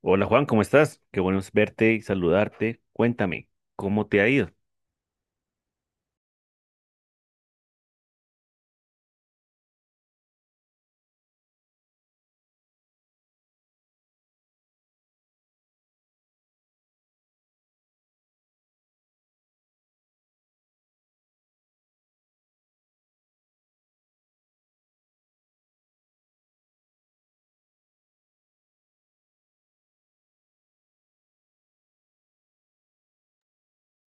Hola Juan, ¿cómo estás? Qué bueno es verte y saludarte. Cuéntame, ¿cómo te ha ido?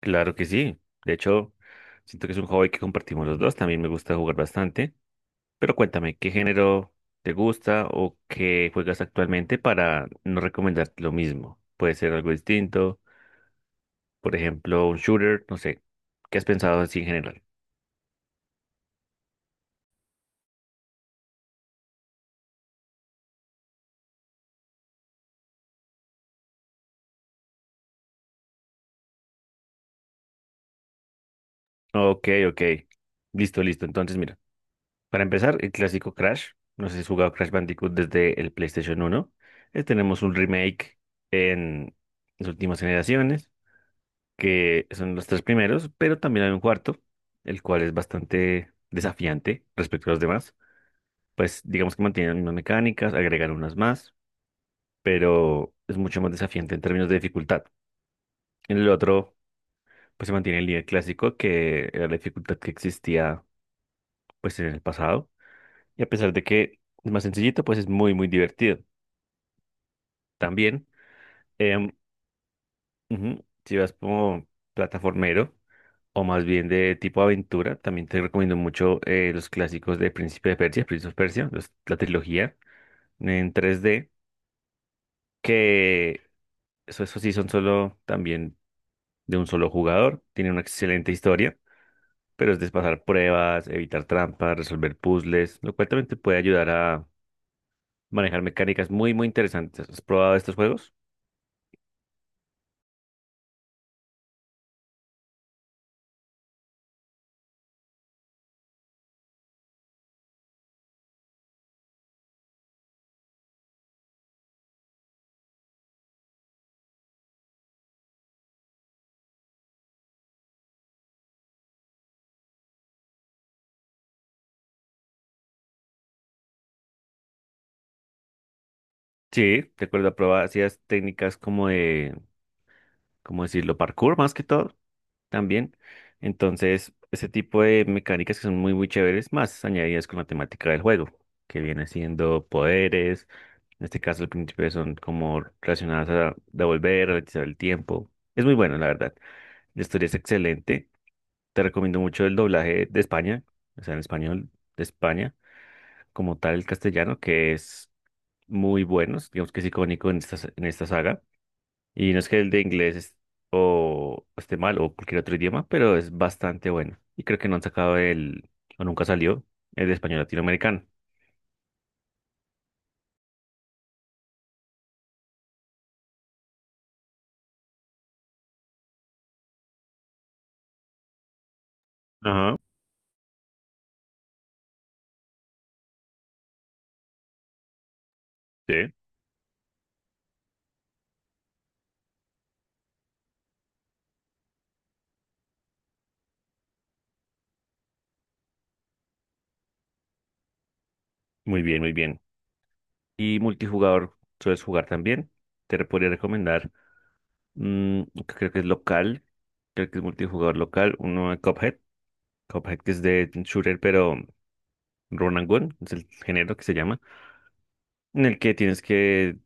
Claro que sí. De hecho, siento que es un hobby que compartimos los dos. También me gusta jugar bastante. Pero cuéntame, ¿qué género te gusta o qué juegas actualmente para no recomendarte lo mismo? Puede ser algo distinto, por ejemplo, un shooter, no sé. ¿Qué has pensado así en general? Ok, ok. Listo, listo. Entonces, mira. Para empezar, el clásico Crash. No sé si has jugado Crash Bandicoot desde el PlayStation uno. Tenemos un remake en las últimas generaciones, que son los tres primeros, pero también hay un cuarto, el cual es bastante desafiante respecto a los demás. Pues digamos que mantienen las mismas mecánicas, agregan unas más, pero es mucho más desafiante en términos de dificultad. En el otro, pues se mantiene el nivel clásico, que era la dificultad que existía pues en el pasado. Y a pesar de que es más sencillito, pues es muy, muy divertido también. em, Ujú, si vas como plataformero o más bien de tipo aventura, también te recomiendo mucho los clásicos de Príncipe de Persia, la trilogía en 3D, que eso sí son solo también de un solo jugador, tiene una excelente historia, pero es de pasar pruebas, evitar trampas, resolver puzzles, lo cual también te puede ayudar a manejar mecánicas muy, muy interesantes. ¿Has probado estos juegos? Sí, recuerdo, probaba, hacías técnicas como de ¿cómo decirlo? Parkour más que todo también. Entonces, ese tipo de mecánicas que son muy, muy chéveres, más añadidas con la temática del juego, que viene siendo poderes. En este caso, al principio son como relacionadas a devolver, realizar el tiempo. Es muy bueno, la verdad. La historia es excelente. Te recomiendo mucho el doblaje de España, o sea, en español de España, como tal el castellano, que es muy bueno, digamos que es icónico en esta saga. Y no es que el de inglés o esté mal o cualquier otro idioma, pero es bastante bueno. Y creo que no han sacado el, o nunca salió, el de español latinoamericano. Ajá, sí. Muy bien, muy bien. Y multijugador, ¿sueles jugar también? Podría recomendar, que creo que es local, creo que es multijugador local, uno de Cuphead, Cuphead que es de shooter, pero run and gun, es el género que se llama, en el que tienes que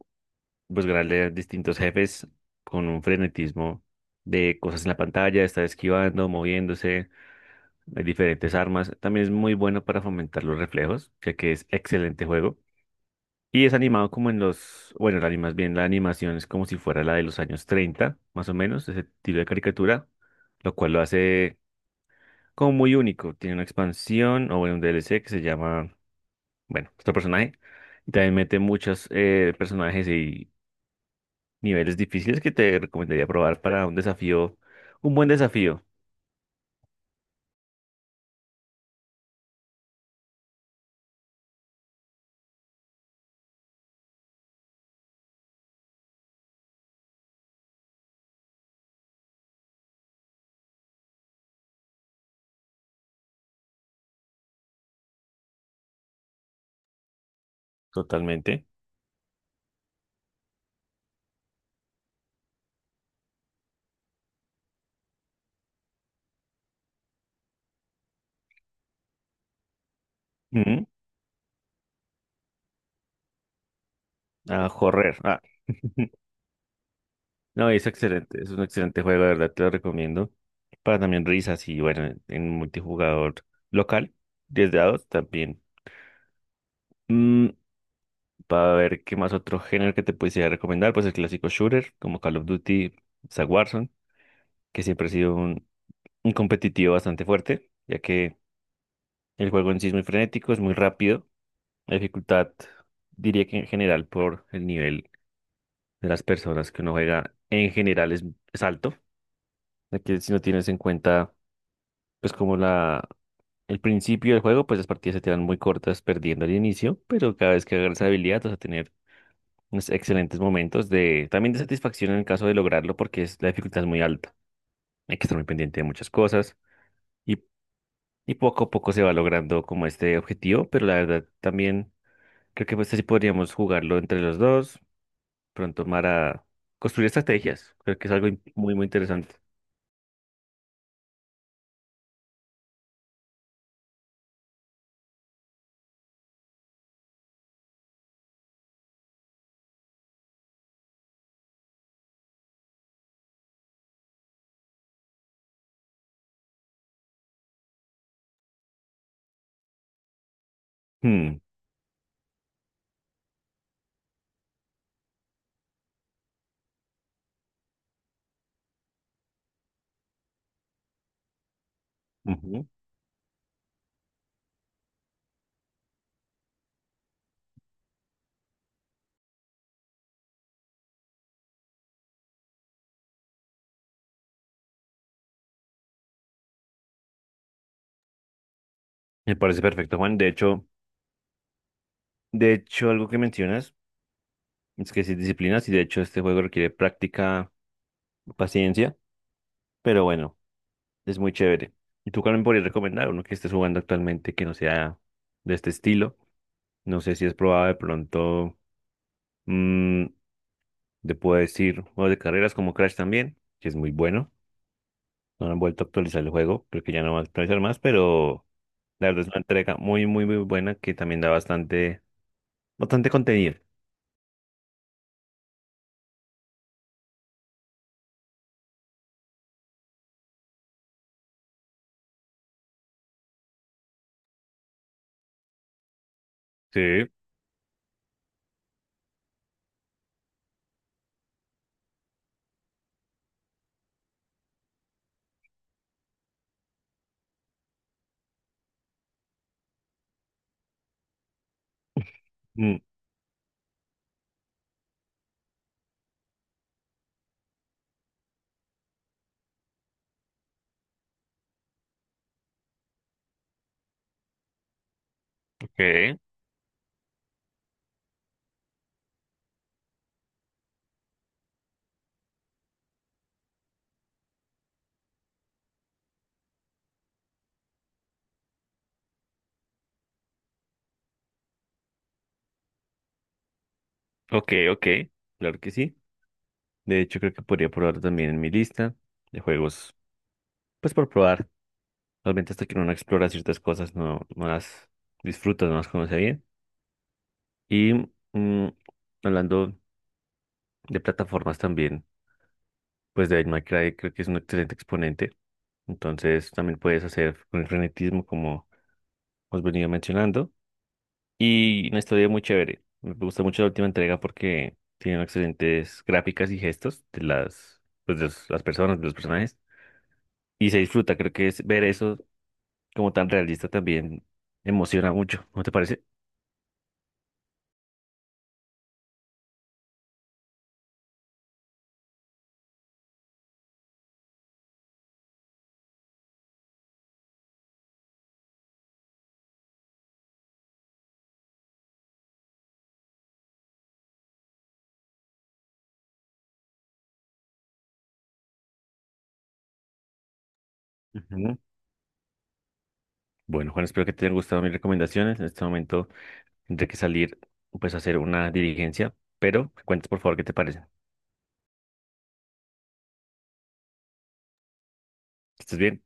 buscarle a distintos jefes con un frenetismo de cosas en la pantalla, estar esquivando, moviéndose, hay diferentes armas. También es muy bueno para fomentar los reflejos, ya que es excelente juego. Y es animado como en los, bueno, la animas bien, la animación es como si fuera la de los años 30 más o menos, ese estilo de caricatura, lo cual lo hace como muy único. Tiene una expansión o bueno, un DLC que se llama, bueno, este personaje. Y también mete muchos personajes y niveles difíciles que te recomendaría probar para un desafío, un buen desafío. Totalmente. Ujú. A correr. Ah. No, es excelente, es un excelente juego, de verdad te lo recomiendo. Para también risas y bueno, en multijugador local, 10 dados también. Mm, para ver qué más otro género que te pudiese recomendar, pues el clásico shooter, como Call of Duty, está Warzone, que siempre ha sido un competitivo bastante fuerte, ya que el juego en sí es muy frenético, es muy rápido. La dificultad, diría que en general por el nivel de las personas que uno juega, en general es alto. Ya que si no tienes en cuenta, pues como el principio del juego, pues las partidas se te dan muy cortas perdiendo al inicio, pero cada vez que agarras habilidad vas a tener unos excelentes momentos de, también de satisfacción en el caso de lograrlo, la dificultad es muy alta. Hay que estar muy pendiente de muchas cosas y, y poco a poco se va logrando como este objetivo, pero la verdad también creo que pues este sí podríamos jugarlo entre los dos pronto para construir estrategias. Creo que es algo muy, muy interesante. Hmm, ujú. Me parece perfecto, Juan. De hecho, algo que mencionas es que sí disciplinas y de hecho este juego requiere práctica, paciencia, pero bueno, es muy chévere. ¿Y tú también podrías recomendar uno que estés jugando actualmente que no sea de este estilo? No sé si has probado de pronto, mm, te puedo decir, juegos de carreras como Crash también, que es muy bueno. No han vuelto a actualizar el juego, creo que ya no van a actualizar más, pero. La verdad es una entrega muy, muy, muy buena que también da bastante, bastante contenido. Sí. Mm, ok, ok, ok. Claro que sí. De hecho, creo que podría probar también en mi lista de juegos, pues por probar. Realmente hasta que uno no explora ciertas cosas, no las disfruta, no las conoce bien. Y mm, hablando de plataformas también, pues Devil May Cry creo que es un excelente exponente. Entonces también puedes hacer con el frenetismo como os venía mencionando. Y una historia muy chévere. Me gusta mucho la última entrega porque tiene excelentes gráficas y gestos de las personas, de los personajes. Y se disfruta. Creo que ver eso como tan realista también emociona mucho. ¿No te parece? Ujú. Bueno, Juan, espero que te hayan gustado mis recomendaciones. En este momento tendré que salir pues a hacer una dirigencia, pero me cuentas por favor qué te parece. ¿Estás bien?